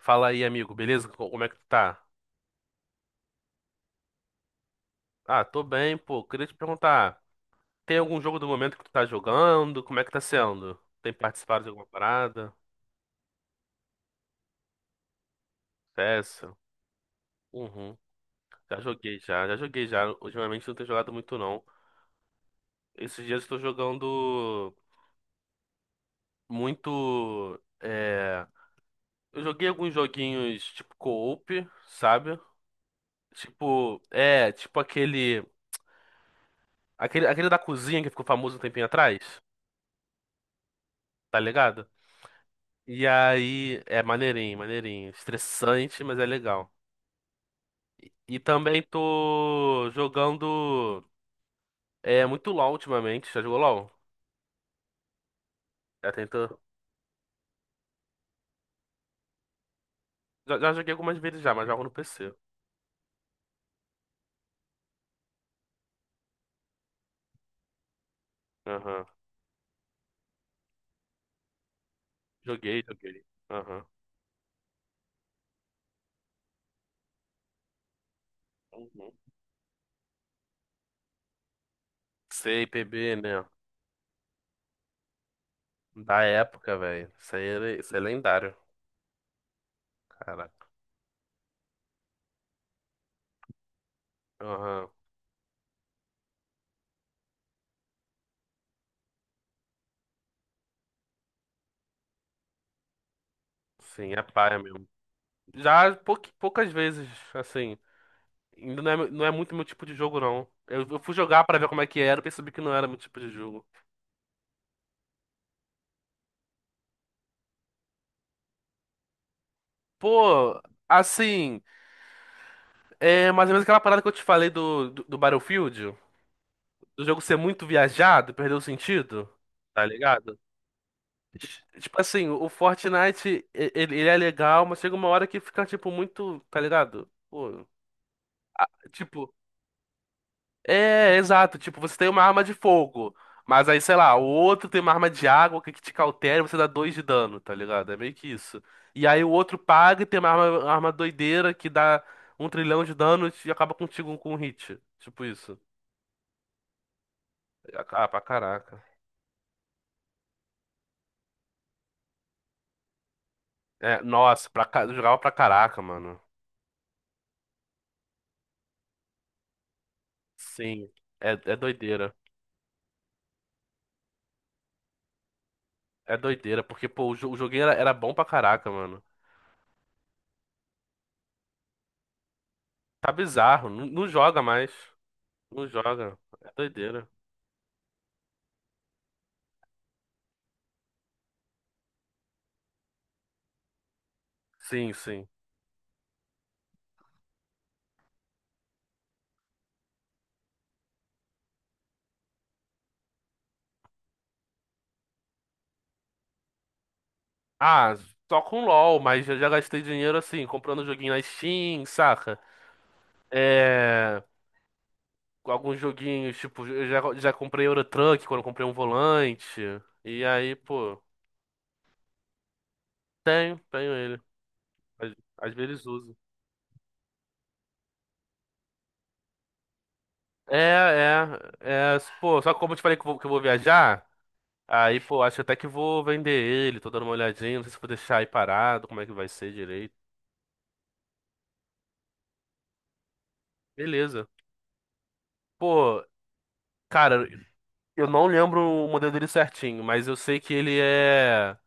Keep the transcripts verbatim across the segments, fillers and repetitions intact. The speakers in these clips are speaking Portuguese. Fala aí, amigo, beleza? Co- Como é que tu tá? Ah, tô bem, pô. Queria te perguntar, tem algum jogo do momento que tu tá jogando? Como é que tá sendo? Tem participado de alguma parada? C S? Uhum. Já joguei já, já joguei já. Ultimamente não tenho jogado muito não. Esses dias eu tô jogando muito. É... Eu joguei alguns joguinhos tipo co-op, sabe? Tipo, é, tipo aquele, aquele, aquele da cozinha que ficou famoso um tempinho atrás, tá ligado? E aí, é maneirinho, maneirinho. Estressante, mas é legal. E também tô jogando é, muito LoL ultimamente. Já jogou LoL? Já tentou. Já, já joguei algumas vezes já, mas jogo no P C. Aham. Joguei, joguei. Aham. Uhum. Sei, P B né? Da época, velho. Isso aí é, isso é lendário. Caraca. Aham. Sim, é paia mesmo. Já pouqui- poucas vezes, assim. Ainda não é, não é muito meu tipo de jogo, não. Eu, eu fui jogar pra ver como é que era e percebi que não era meu tipo de jogo. Pô, assim, é mais ou menos aquela parada que eu te falei do, do, do Battlefield, do jogo ser muito viajado, perder o sentido, tá ligado? Tipo assim, o Fortnite, e- ele, ele é legal, mas chega uma hora que fica, tipo, muito, tá ligado? Pô, tipo, é, exato. Tipo, você tem uma arma de fogo, mas aí, sei lá, o outro tem uma arma de água que que te cautela e você dá dois de dano, tá ligado? É meio que isso. E aí o outro paga e tem uma arma, uma arma doideira que dá um trilhão de dano e acaba contigo com um hit. Tipo isso. Ah, pra caraca. É, nossa, pra, ca- eu jogava pra caraca, mano. Sim, é, é doideira. É doideira, porque, pô, o, jo- o joguinho era, era bom pra caraca, mano. Tá bizarro, não, não joga mais. Não joga. É doideira. Sim, sim. Ah, só com LOL, mas eu já gastei dinheiro assim, comprando joguinho na Steam, saca? É, com alguns joguinhos, tipo, eu já, já comprei Euro Truck quando eu comprei um volante. E aí, pô, tenho, tenho ele. Às, às vezes uso. É, é, é, pô, só que como eu te falei que eu vou, que eu vou viajar, aí, pô, acho até que vou vender ele, tô dando uma olhadinha, não sei se vou deixar aí parado, como é que vai ser direito. Beleza. Pô, cara, eu não lembro o modelo dele certinho, mas eu sei que ele é.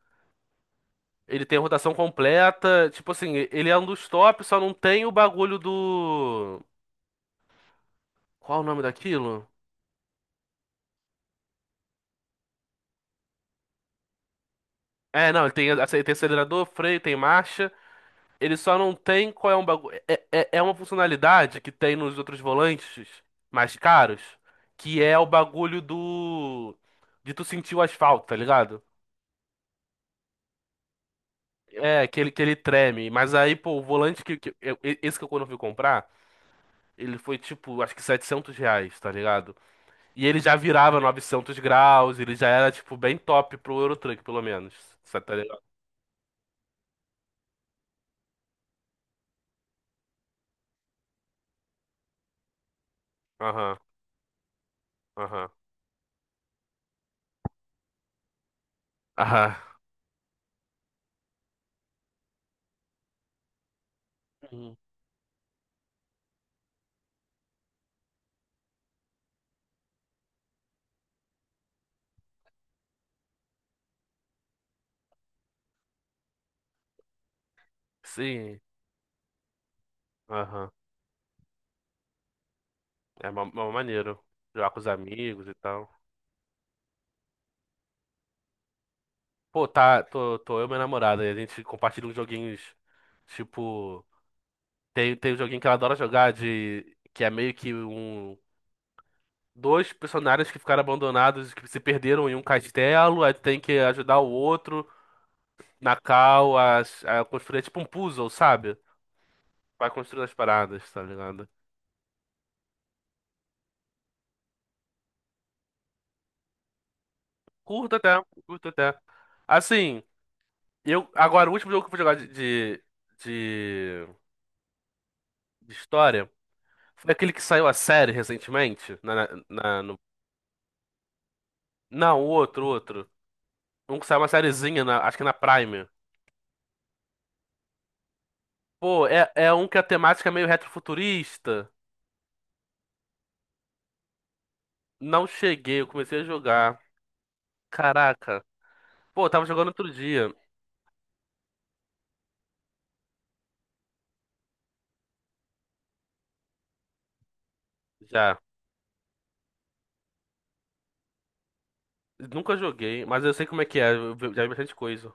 Ele tem a rotação completa. Tipo assim, ele é um dos top, só não tem o bagulho do. Qual o nome daquilo? É, não, ele tem, ace- tem acelerador, freio, tem marcha. Ele só não tem qual é um bagulho. É, é, é uma funcionalidade que tem nos outros volantes mais caros, que é o bagulho do. De tu sentir o asfalto, tá ligado? É, que ele, que ele treme. Mas aí, pô, o volante que, que eu- esse que eu quando eu fui comprar, ele foi tipo, acho que setecentos reais, tá ligado? E ele já virava novecentos graus, ele já era, tipo, bem top pro Eurotruck, pelo menos. Você tá ligado? Aham, aham, aham. Uhum. Sim, aham. É uma, uma maneiro. Jogar com os amigos e tal. Pô, tá, tô, tô eu e minha namorada, e a gente compartilha uns joguinhos, tipo. Tem, tem um joguinho que ela adora jogar, de. Que é meio que um. Dois personagens que ficaram abandonados, que se perderam em um castelo, aí tu tem que ajudar o outro na cal a, a construir, é tipo um puzzle, sabe? Vai construindo as paradas, tá ligado? Curto até, curto até. Assim, eu. Agora, o último jogo que eu fui jogar de, de, de- de história foi aquele que saiu a série recentemente. Na, na- na- no- não, o outro, o outro. Um que saiu uma sériezinha, na- acho que na Prime. Pô, é, é um que a temática é meio retrofuturista. Não cheguei, eu comecei a jogar. Caraca. Pô, eu tava jogando outro dia. Já. Nunca joguei, mas eu sei como é que é. Eu vi- já vi bastante coisa.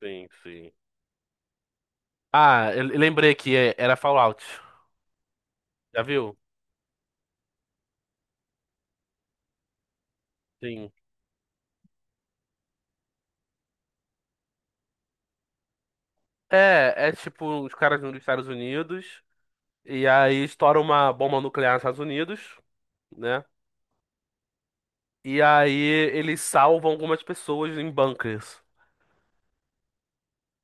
Sim, sim. Ah, eu lembrei que é- era Fallout. Já viu? Sim. É, é tipo os caras dos Estados Unidos e aí estoura uma bomba nuclear nos Estados Unidos, né? E aí eles salvam algumas pessoas em bunkers.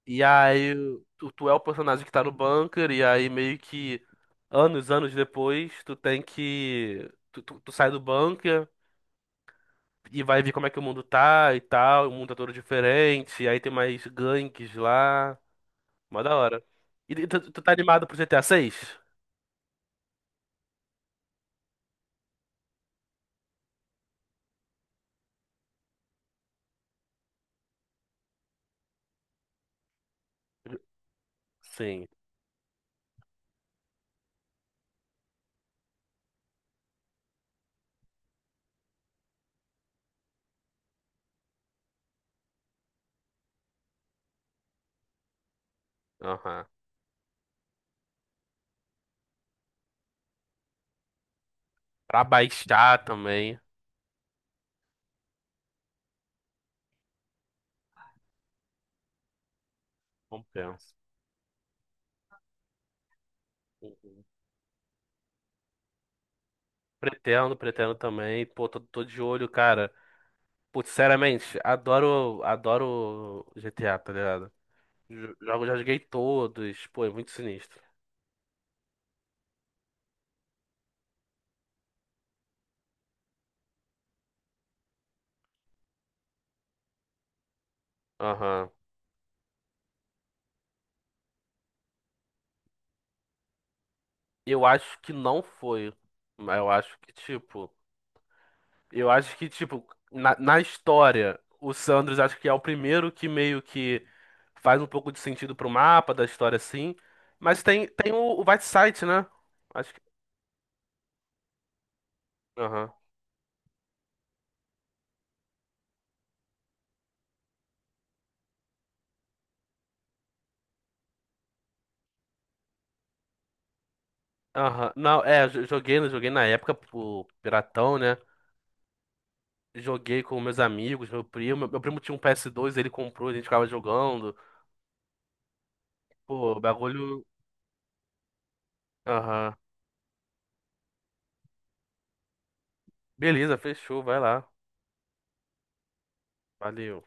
E aí tu, tu é o personagem que tá no bunker e aí meio que anos, anos depois tu tem que tu, tu, tu sai do bunker e vai ver como é que o mundo tá e tal, o mundo tá todo diferente, e aí tem mais gangues lá. Mó da hora. E tu, tu tá animado pro G T A seis? Sim. Aham. Pra baixar também. Compensa. Uhum. Pretendo, pretendo também. Pô, tô, tô de olho, cara. Putz, sinceramente, adoro, adoro G T A, tá ligado? Jo- Jogo, já joguei todos. Pô, é muito sinistro. Aham. Eu acho que não foi. Mas eu acho que, tipo. Eu acho que, tipo, na, na história, o Sanders acho que é o primeiro que meio que faz um pouco de sentido pro mapa da história, assim. Mas tem, tem o, o Whiteside, né? Acho que. Aham. Aham. Não, é, jo- joguei, né, joguei na época pro Piratão, né? Joguei com meus amigos, meu primo. Meu, meu primo tinha um P S dois, ele comprou, a gente ficava jogando. Pô, bagulho. Aham. Beleza, fechou, vai lá. Valeu.